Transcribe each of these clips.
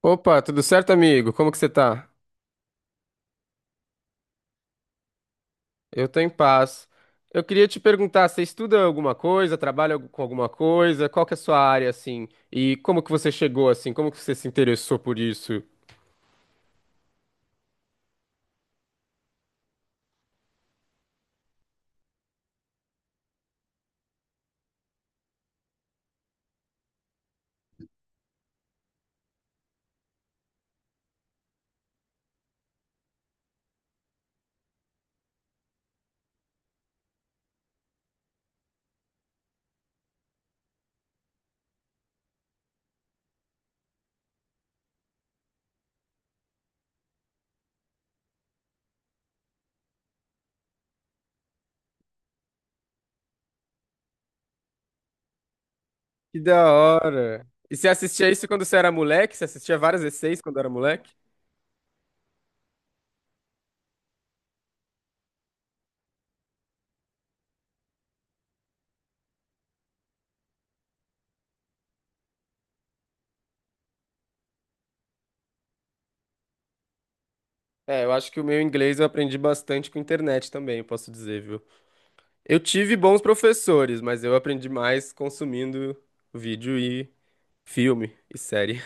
Opa, tudo certo, amigo? Como que você tá? Eu tô em paz. Eu queria te perguntar, você estuda alguma coisa, trabalha com alguma coisa? Qual que é a sua área, assim? E como que você chegou, assim? Como que você se interessou por isso? Que da hora! E você assistia isso quando você era moleque? Você assistia várias E6 quando era moleque? É, eu acho que o meu inglês eu aprendi bastante com internet também, eu posso dizer, viu? Eu tive bons professores, mas eu aprendi mais consumindo vídeo e filme e série.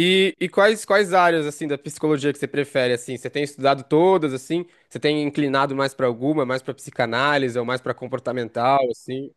E quais, quais áreas, assim, da psicologia que você prefere, assim? Você tem estudado todas, assim? Você tem inclinado mais para alguma, mais para psicanálise ou mais para comportamental, assim?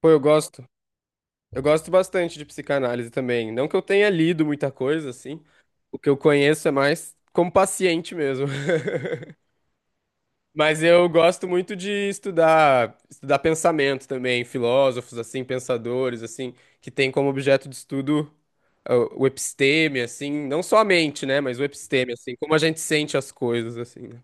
Pô, eu gosto. Eu gosto bastante de psicanálise também. Não que eu tenha lido muita coisa, assim. O que eu conheço é mais como paciente mesmo. Mas eu gosto muito de estudar, estudar pensamento também, filósofos assim, pensadores assim, que têm como objeto de estudo o episteme assim, não só a mente, né, mas o episteme assim, como a gente sente as coisas assim, né?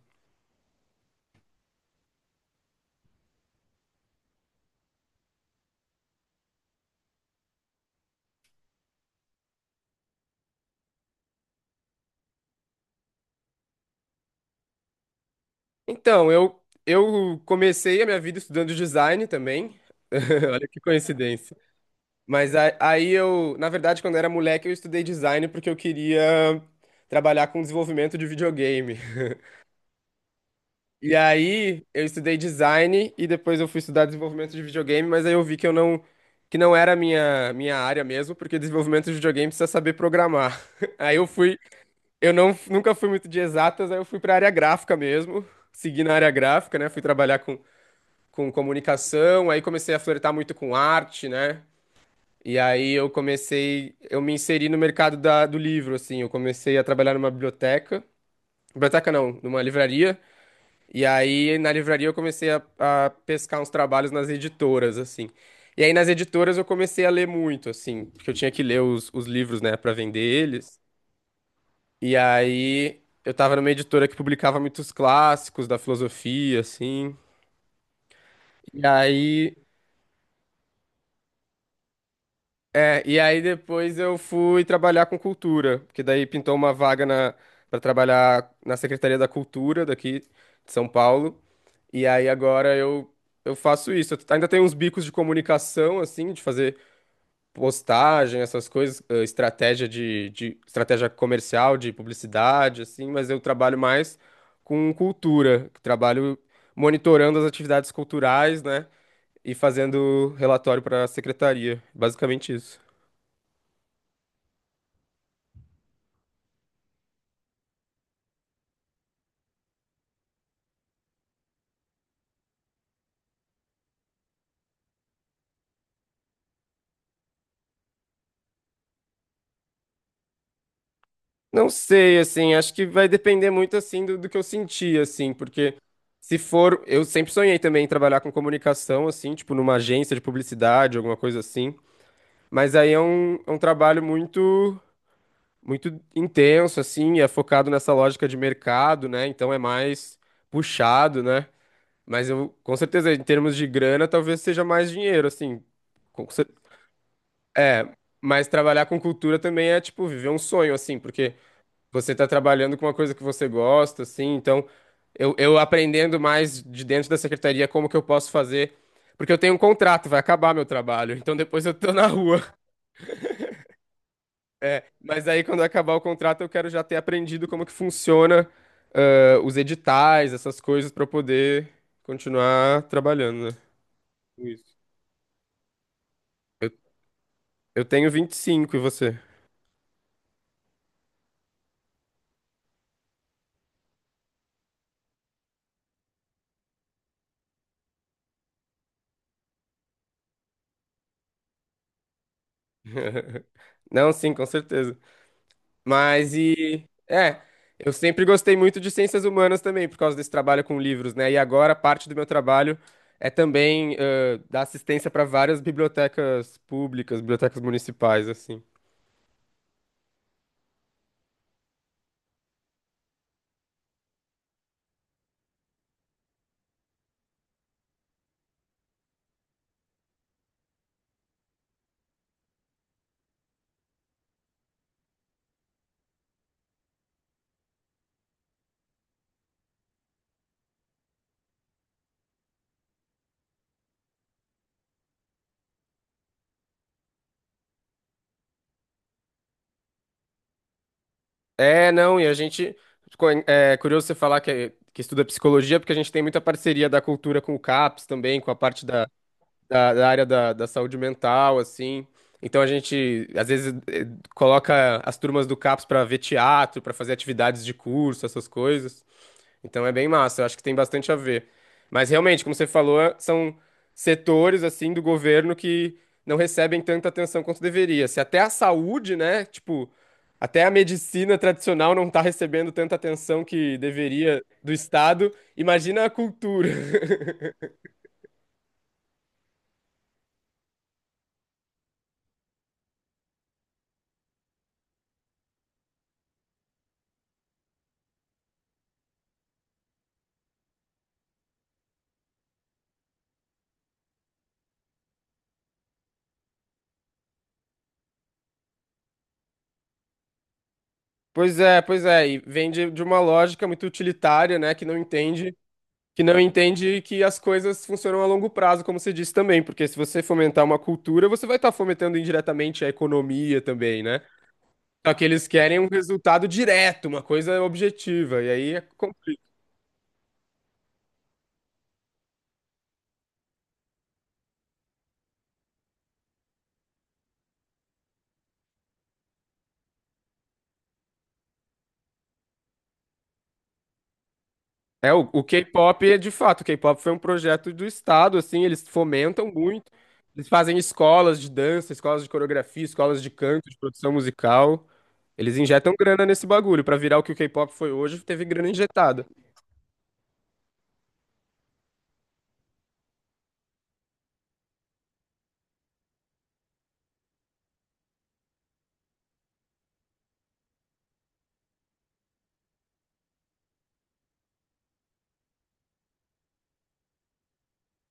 Então, eu comecei a minha vida estudando design também. Olha que coincidência. Mas aí eu, na verdade, quando eu era moleque, eu estudei design porque eu queria trabalhar com desenvolvimento de videogame. E aí eu estudei design e depois eu fui estudar desenvolvimento de videogame, mas aí eu vi que eu não que não era a minha área mesmo, porque desenvolvimento de videogame precisa saber programar. Aí eu fui, eu não nunca fui muito de exatas, aí eu fui para área gráfica mesmo, segui na área gráfica, né? Fui trabalhar com comunicação, aí comecei a flertar muito com arte, né? E aí eu comecei, eu me inseri no mercado do livro, assim, eu comecei a trabalhar numa biblioteca, biblioteca não, numa livraria. E aí, na livraria, eu comecei a pescar uns trabalhos nas editoras, assim. E aí, nas editoras, eu comecei a ler muito, assim, porque eu tinha que ler os livros, né, pra vender eles. E aí, eu tava numa editora que publicava muitos clássicos da filosofia, assim. E aí, É, e aí depois eu fui trabalhar com cultura, porque daí pintou uma vaga na para trabalhar na Secretaria da Cultura daqui de São Paulo. E aí agora eu faço isso. Eu ainda tenho uns bicos de comunicação assim, de fazer postagem, essas coisas, estratégia de estratégia comercial, de publicidade assim, mas eu trabalho mais com cultura, trabalho monitorando as atividades culturais, né, e fazendo relatório para a secretaria. Basicamente isso. Não sei, assim, acho que vai depender muito, assim, do que eu senti, assim, porque se for, eu sempre sonhei também em trabalhar com comunicação, assim, tipo, numa agência de publicidade, alguma coisa assim, mas aí é um trabalho muito, muito intenso, assim, é focado nessa lógica de mercado, né, então é mais puxado, né, mas eu, com certeza, em termos de grana, talvez seja mais dinheiro, assim, com cer- é, mas trabalhar com cultura também é, tipo, viver um sonho, assim, porque... Você tá trabalhando com uma coisa que você gosta, assim, então eu aprendendo mais de dentro da secretaria como que eu posso fazer. Porque eu tenho um contrato, vai acabar meu trabalho, então depois eu tô na rua. Mas aí quando acabar o contrato, eu quero já ter aprendido como que funciona, ah, os editais, essas coisas, pra eu poder continuar trabalhando, né? Isso. Eu, eu tenho 25 e cinco e você? Não, sim, com certeza. Mas e é, eu sempre gostei muito de ciências humanas também, por causa desse trabalho com livros, né? E agora parte do meu trabalho é também dar assistência para várias bibliotecas públicas, bibliotecas municipais, assim. É, não, e a gente. É curioso você falar que estuda psicologia, porque a gente tem muita parceria da cultura com o CAPS também, com a parte da. da área da saúde mental, assim. Então a gente, às vezes, coloca as turmas do CAPS para ver teatro, para fazer atividades de curso, essas coisas. Então é bem massa, eu acho que tem bastante a ver. Mas realmente, como você falou, são setores, assim, do governo que não recebem tanta atenção quanto deveria. Se até a saúde, né, tipo, até a medicina tradicional não está recebendo tanta atenção que deveria do Estado, imagina a cultura. Pois é, e vem de uma lógica muito utilitária, né, que não entende, que as coisas funcionam a longo prazo, como você disse também, porque se você fomentar uma cultura, você vai estar fomentando indiretamente a economia também, né? Só que eles querem um resultado direto, uma coisa objetiva, e aí é complicado. É, o K-pop é de fato, o K-pop foi um projeto do Estado, assim, eles fomentam muito. Eles fazem escolas de dança, escolas de coreografia, escolas de canto, de produção musical. Eles injetam grana nesse bagulho. Pra virar o que o K-pop foi hoje, teve grana injetada.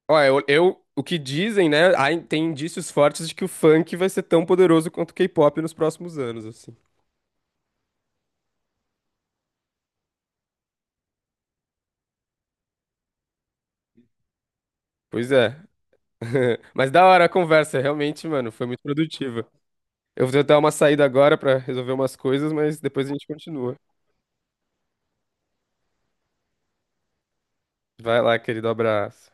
Ó, o que dizem, né? Tem indícios fortes de que o funk vai ser tão poderoso quanto o K-pop nos próximos anos, assim. Pois é. Mas da hora a conversa, realmente, mano, foi muito produtiva. Eu vou tentar uma saída agora pra resolver umas coisas, mas depois a gente continua. Vai lá, querido, abraço.